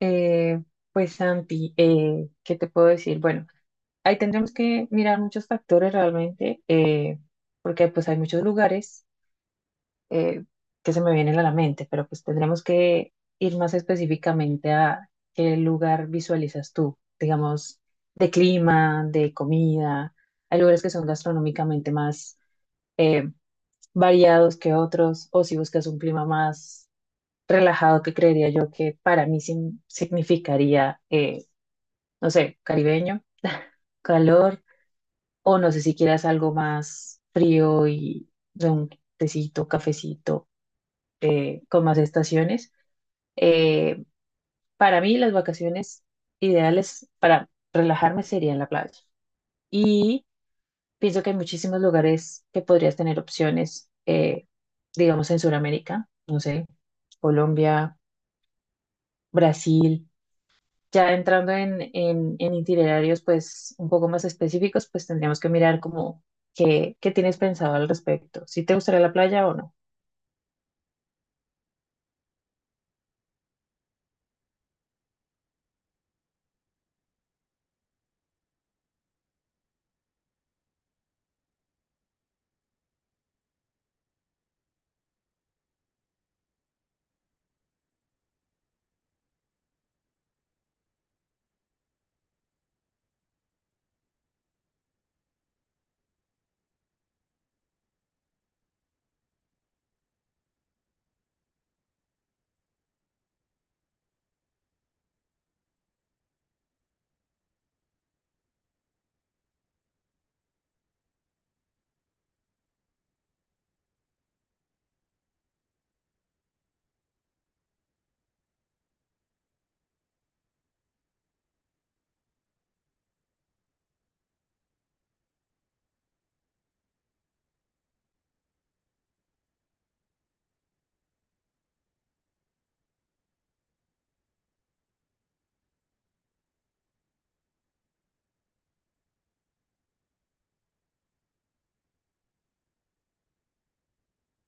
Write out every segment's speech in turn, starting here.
Eh, pues Santi, ¿qué te puedo decir? Bueno, ahí tendremos que mirar muchos factores realmente, porque pues hay muchos lugares eh, que se me vienen a la mente, pero pues tendremos que ir más específicamente a qué lugar visualizas tú, digamos, de clima, de comida. Hay lugares que son gastronómicamente más eh, variados que otros, o si buscas un clima más relajado, que creería yo que para mí significaría... no sé, caribeño, calor, o no sé si quieras algo más frío y de un tecito, cafecito, con más estaciones. Eh, para mí las vacaciones ideales para relajarme serían la playa. Y pienso que hay muchísimos lugares que podrías tener opciones, digamos en Sudamérica, no sé, Colombia, Brasil. Ya entrando en itinerarios pues un poco más específicos, pues tendríamos que mirar como qué tienes pensado al respecto, si te gustaría la playa o no.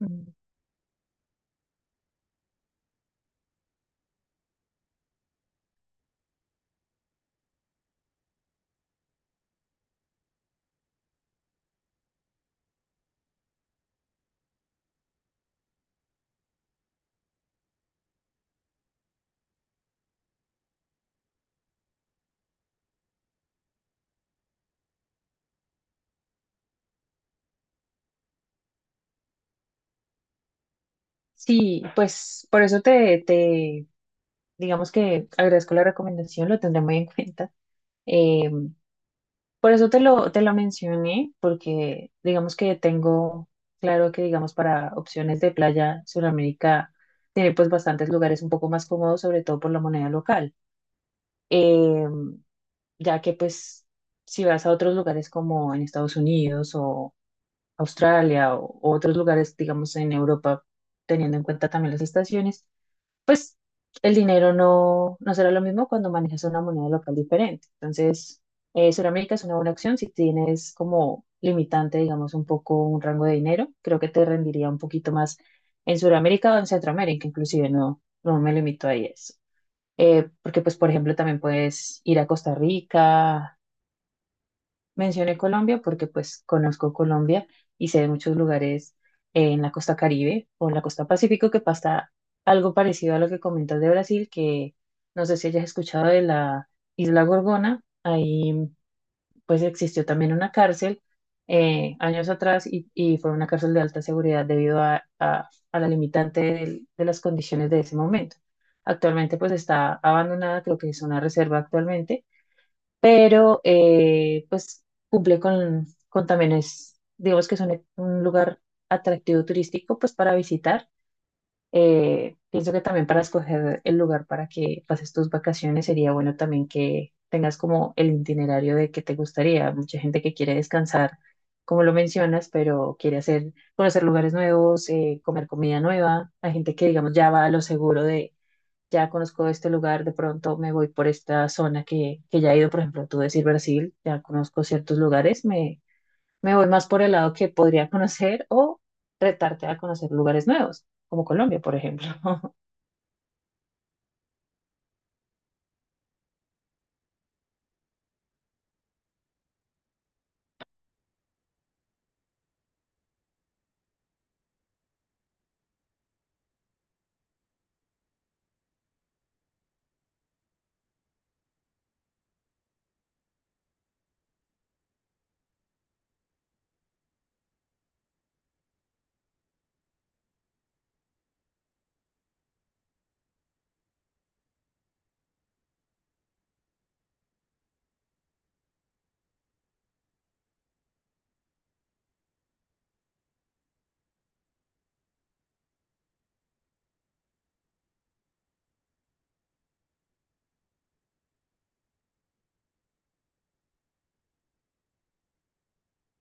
Mm. Sí, pues por eso te digamos que agradezco la recomendación, lo tendré muy en cuenta. Eh, por eso te lo mencioné, porque digamos que tengo claro que digamos para opciones de playa, Sudamérica tiene pues bastantes lugares un poco más cómodos, sobre todo por la moneda local. Em, ya que pues si vas a otros lugares como en Estados Unidos o Australia o otros lugares, digamos en Europa, teniendo en cuenta también las estaciones, pues el dinero no, no será lo mismo cuando manejas una moneda local diferente. Entonces, Sudamérica es una buena opción si tienes como limitante, digamos, un poco un rango de dinero, creo que te rendiría un poquito más en Sudamérica o en Centroamérica, inclusive no, no me limito a eso. Porque, pues, por ejemplo, también puedes ir a Costa Rica, mencioné Colombia porque pues conozco Colombia y sé de muchos lugares en la costa Caribe o en la costa Pacífico que pasa algo parecido a lo que comentas de Brasil, que no sé si hayas escuchado de la Isla Gorgona, ahí pues existió también una cárcel años atrás y fue una cárcel de alta seguridad debido a, a la limitante de las condiciones de ese momento. Actualmente pues está abandonada, creo que es una reserva actualmente, pero pues cumple con también es, digamos que es un lugar atractivo turístico pues para visitar. Pienso que también para escoger el lugar para que pases tus vacaciones sería bueno también que tengas como el itinerario de que te gustaría. Mucha gente que quiere descansar, como lo mencionas, pero quiere hacer, conocer lugares nuevos, comer comida nueva. Hay gente que digamos ya va a lo seguro, ya conozco este lugar, de pronto me voy por esta zona que ya he ido, por ejemplo, tú decir Brasil, ya conozco ciertos lugares, me voy más por el lado que podría conocer o retarte a conocer lugares nuevos, como Colombia, por ejemplo.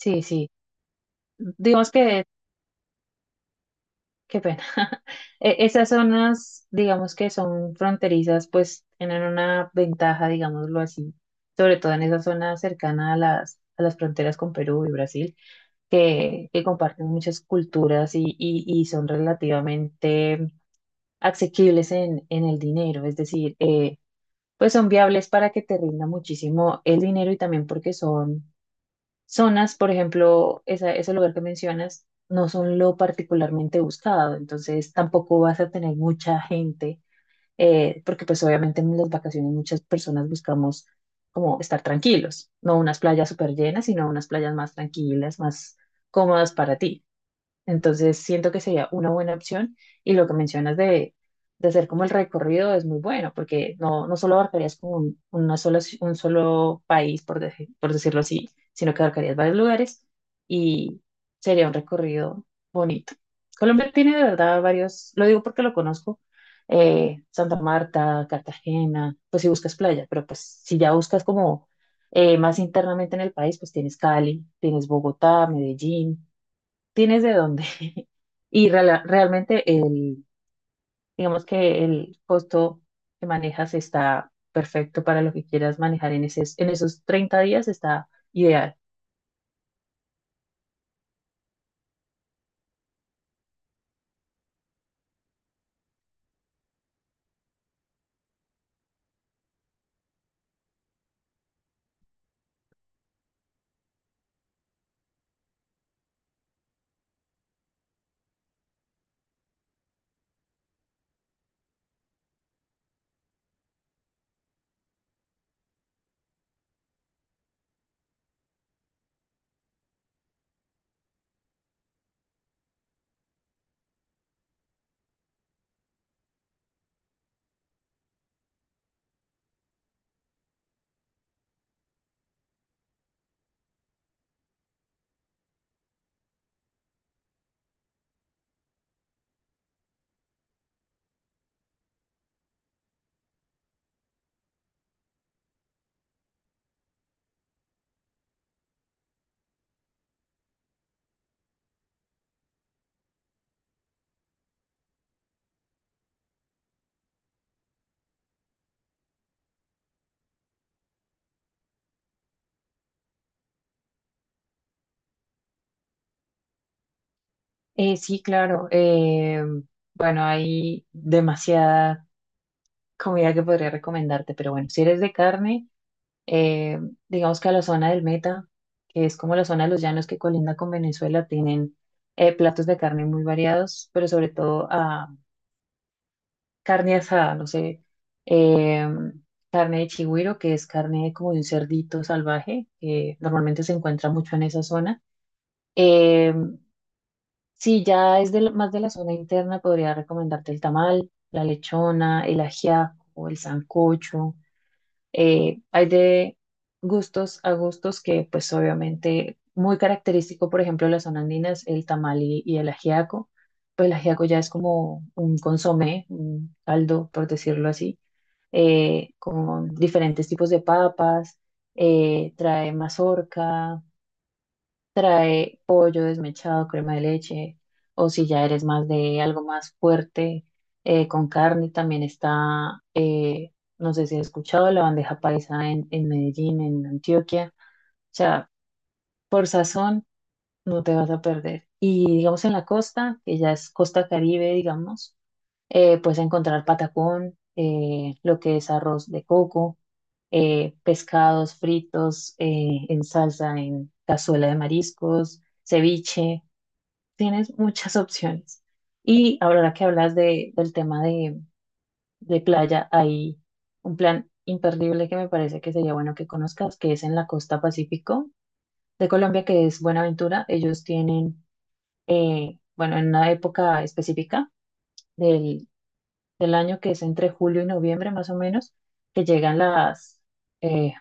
Sí, sí. Digamos que, qué pena. Esas zonas, digamos que son fronterizas, pues tienen una ventaja, digámoslo así, sobre todo en esa zona cercana a las fronteras con Perú y Brasil que comparten muchas culturas y, y son relativamente asequibles en el dinero, es decir, pues son viables para que te rinda muchísimo el dinero y también porque son zonas, por ejemplo, ese lugar que mencionas, no son lo particularmente buscado, entonces tampoco vas a tener mucha gente, porque pues obviamente en las vacaciones muchas personas buscamos como estar tranquilos, no unas playas súper llenas, sino unas playas más tranquilas, más cómodas para ti. Entonces, siento que sería una buena opción y lo que mencionas de hacer como el recorrido es muy bueno porque no, no solo abarcarías como un, una sola un solo país, por, por decirlo así, sino que abarcarías varios lugares y sería un recorrido bonito. Colombia tiene de verdad varios, lo digo porque lo conozco, Santa Marta, Cartagena, pues si buscas playa, pero pues si ya buscas como más internamente en el país, pues tienes Cali, tienes Bogotá, Medellín, tienes de dónde. Y realmente el, digamos que el costo que manejas está perfecto para lo que quieras manejar en esos 30 días, está ideal. Sí, claro. Bueno, hay demasiada comida que podría recomendarte, pero bueno, si eres de carne, eh, digamos que a la zona del Meta, que es como la zona de los llanos que colinda con Venezuela, tienen platos de carne muy variados, pero sobre todo carne asada, no sé, eh, carne de chigüiro, que es carne como de un cerdito salvaje, que normalmente se encuentra mucho en esa zona. Eh, si ya es de más de la zona interna, podría recomendarte el tamal, la lechona, el ajiaco, el sancocho. Hay de gustos a gustos que, pues obviamente, muy característico, por ejemplo, de la zona andina es el tamal y el ajiaco. Pues el ajiaco ya es como un consomé, un caldo, por decirlo así, con diferentes tipos de papas, trae mazorca, trae pollo desmechado, crema de leche, o si ya eres más de algo más fuerte, con carne también está, no sé si has escuchado, la bandeja paisa en Medellín, en Antioquia, o sea, por sazón no te vas a perder. Y digamos en la costa, que ya es costa Caribe, digamos, puedes encontrar patacón, lo que es arroz de coco, pescados fritos, en salsa, en cazuela de mariscos, ceviche. Tienes muchas opciones. Y ahora que hablas de, del tema de playa, hay un plan imperdible que me parece que sería bueno que conozcas, que es en la costa Pacífico de Colombia, que es Buenaventura. Ellos tienen, bueno, en una época específica del, del año, que es entre julio y noviembre más o menos, que llegan las, eh,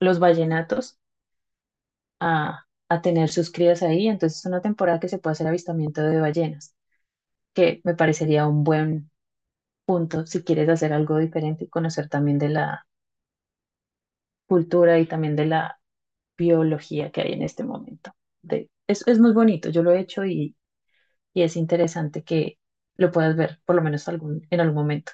los vallenatos a tener sus crías ahí. Entonces es una temporada que se puede hacer avistamiento de ballenas, que me parecería un buen punto si quieres hacer algo diferente y conocer también de la cultura y también de la biología que hay en este momento. De, es muy bonito, yo lo he hecho y es interesante que lo puedas ver, por lo menos algún, en algún momento.